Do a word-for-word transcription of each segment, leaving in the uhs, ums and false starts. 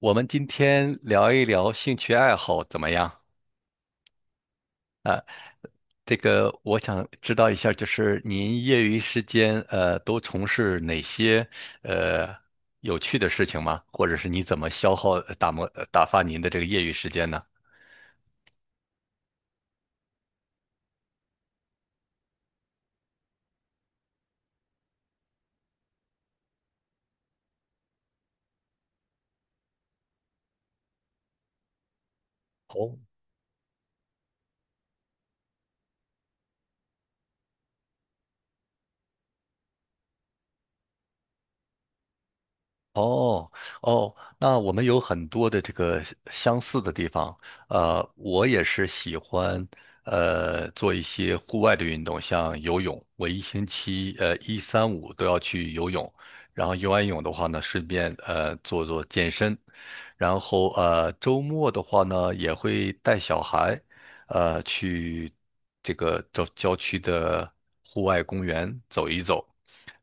我们今天聊一聊兴趣爱好怎么样？这个我想知道一下，就是您业余时间呃都从事哪些呃有趣的事情吗？或者是你怎么消耗呃打磨呃打发您的这个业余时间呢？哦。哦哦，那我们有很多的这个相相似的地方。呃，我也是喜欢呃做一些户外的运动，像游泳。我一星期呃一三五都要去游泳，然后游完泳的话呢，顺便呃做做健身。然后呃周末的话呢，也会带小孩，呃，去这个郊郊区的户外公园走一走。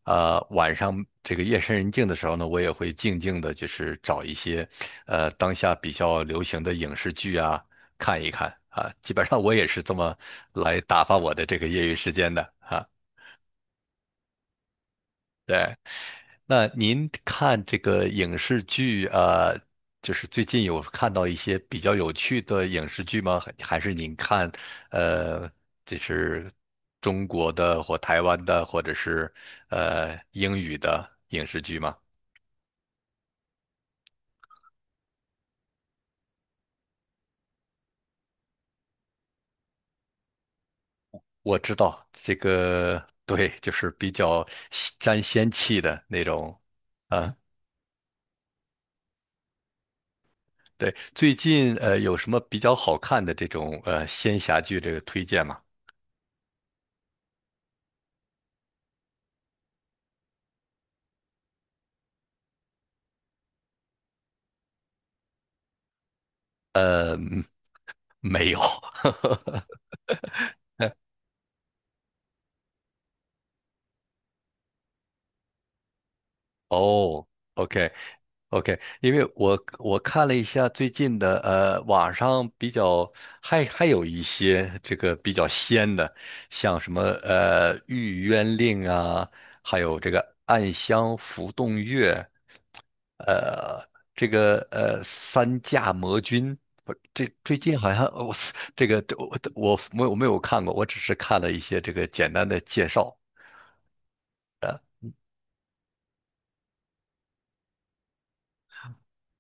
呃，晚上这个夜深人静的时候呢，我也会静静的，就是找一些呃当下比较流行的影视剧啊看一看啊。基本上我也是这么来打发我的这个业余时间的啊。对。那您看这个影视剧，呃，就是最近有看到一些比较有趣的影视剧吗？还还是您看，呃，这是中国的或台湾的，或者是呃英语的影视剧吗？我知道这个，对，就是比较吸沾仙气的那种，啊，对，最近呃有什么比较好看的这种呃仙侠剧这个推荐吗？没有。哦，OK OK，因为我我看了一下最近的，呃，网上比较还还有一些这个比较仙的，像什么呃《玉渊令》啊，还有这个《暗香浮动月》，呃，这个呃《三驾魔君》不是，这最近好像我这个这我我我没有我没有看过，我只是看了一些这个简单的介绍。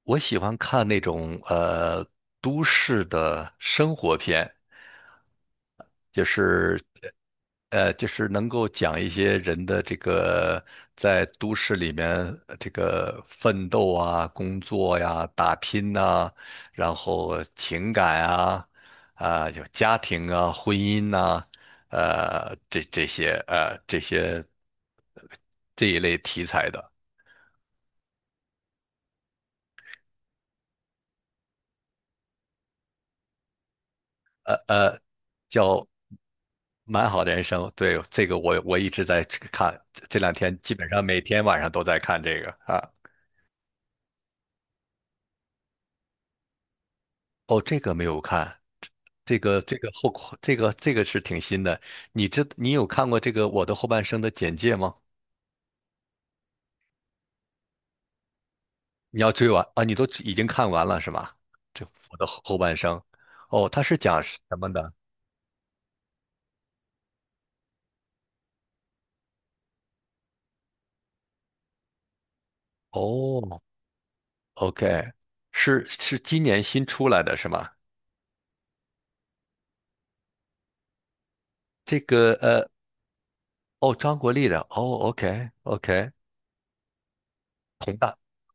我喜欢看那种呃都市的生活片，就是呃就是能够讲一些人的这个在都市里面呃这个奋斗啊、工作呀、打拼呐、然后情感啊、啊、有家庭啊、婚姻呐、呃这这些呃这些呃这一类题材的。呃，叫蛮好的人生。对，这个我我一直在去看，这这两天基本上每天晚上都在看这个啊。哦，这个没有看，这个这个后这个这个是挺新的。你知你有看过这个《我的后半生》的简介吗？你要追完啊？你都已经看完了是吗？这我的后后半生，哦，它是讲什么的？哦，OK，是是今年新出来的是吗？这个呃哦，张国立的，哦，OK，OK，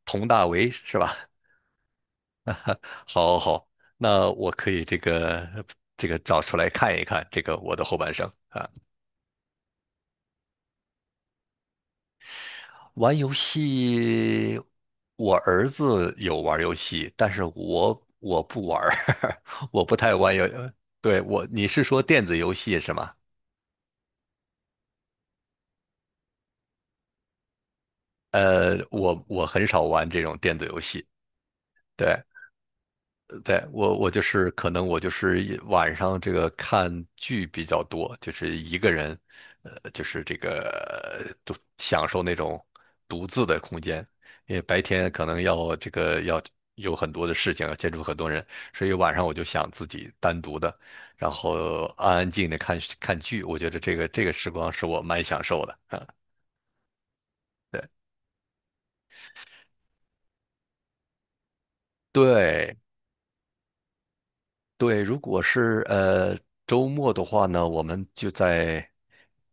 佟大为是吧？好，好，好，那我可以这个这个找出来看一看这个我的后半生啊。玩游戏，我儿子有玩游戏，但是我我不玩儿 我不太玩游。对，我，你是说电子游戏是吗？呃，我我很少玩这种电子游戏。对，对，我，我就是可能我就是一晚上这个看剧比较多，就是一个人，呃，就是这个独享受那种独自的空间，因为白天可能要这个要有很多的事情，要接触很多人，所以晚上我就想自己单独的，然后安安静静的看看剧，我觉得这个这个时光是我蛮享受的啊。对，对，如果是呃周末的话呢，我们就在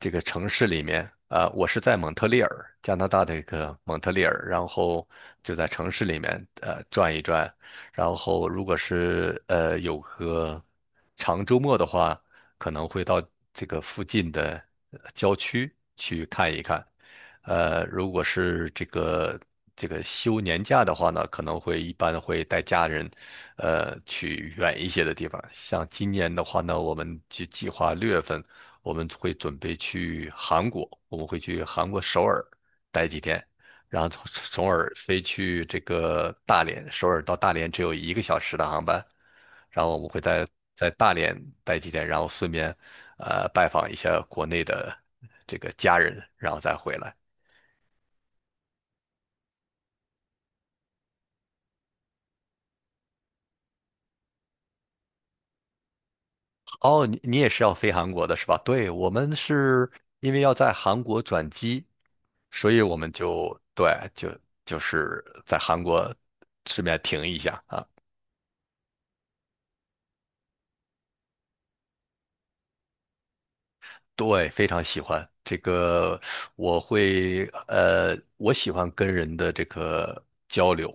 这个城市里面。啊、呃我是在蒙特利尔，加拿大的一个蒙特利尔，然后就在城市里面呃转一转。然后如果是呃有个长周末的话，可能会到这个附近的呃郊区去看一看。呃，如果是这个这个休年假的话呢，可能会一般会带家人，呃，去远一些的地方。像今年的话呢，我们就计划六月份我们会准备去韩国，我们会去韩国首尔待几天，然后从首尔飞去这个大连，首尔到大连只有一个小时的航班，然后我们会在在大连待几天，然后顺便呃拜访一下国内的这个家人，然后再回来。哦，你你也是要飞韩国的是吧？对，我们是因为要在韩国转机，所以我们就对，就就是在韩国顺便停一下。啊。对，非常喜欢这个，我会呃，我喜欢跟人的这个交流，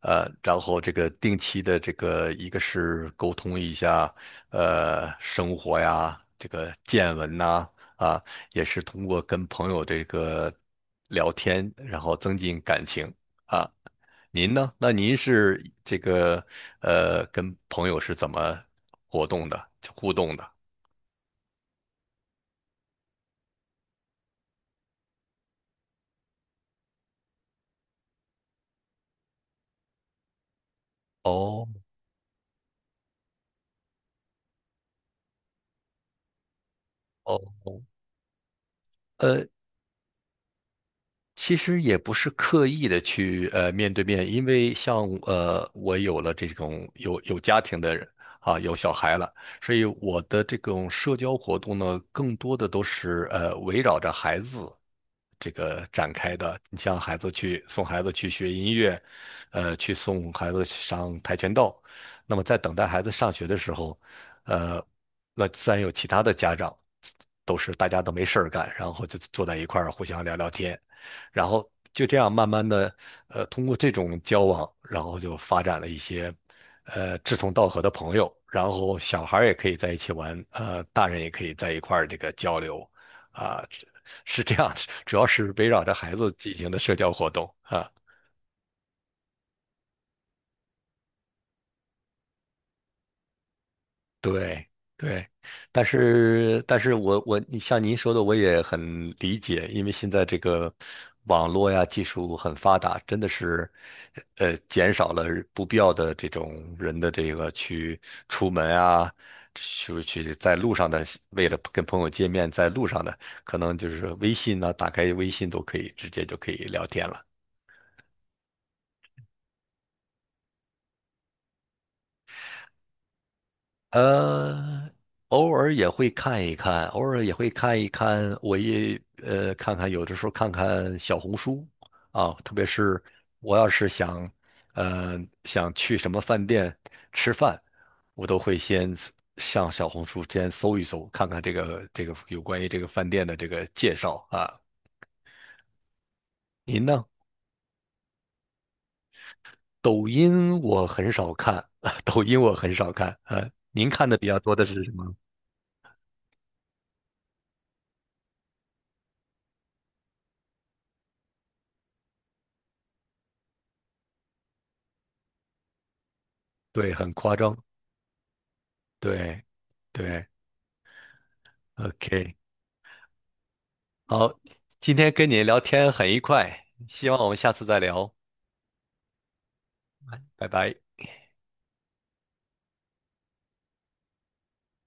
呃，然后这个定期的这个一个是沟通一下，呃，生活呀，这个见闻呐，啊，也是通过跟朋友这个聊天，然后增进感情啊。您呢？那您是这个呃，跟朋友是怎么活动的，互动的？哦哦。呃。其实也不是刻意的去呃面对面，因为像呃我有了这种有有家庭的人啊，有小孩了，所以我的这种社交活动呢，更多的都是呃围绕着孩子这个展开的。你像孩子去送孩子去学音乐，呃，去送孩子上跆拳道，那么在等待孩子上学的时候，呃，那自然有其他的家长，都是大家都没事儿干，然后就坐在一块儿互相聊聊天，然后就这样慢慢的，呃，通过这种交往，然后就发展了一些，呃，志同道合的朋友，然后小孩儿也可以在一起玩，呃，大人也可以在一块儿这个交流，啊，是这样，主要是围绕着孩子进行的社交活动啊。对对，但是但是我我你像您说的，我也很理解，因为现在这个网络呀技术很发达，真的是呃减少了不必要的这种人的这个去出门啊，去去在路上的，为了跟朋友见面，在路上的可能就是微信呢、打开微信都可以直接就可以聊天了。呃，偶尔也会看一看，偶尔也会看一看，我也呃看看，有的时候看看小红书啊，特别是我要是想呃想去什么饭店吃饭，我都会先上小红书先搜一搜，看看这个这个有关于这个饭店的这个介绍啊。您呢？抖音我很少看，抖音我很少看，呃，您看的比较多的是什么？对，很夸张，对。对，OK，好，今天跟你聊天很愉快，希望我们下次再聊，拜拜。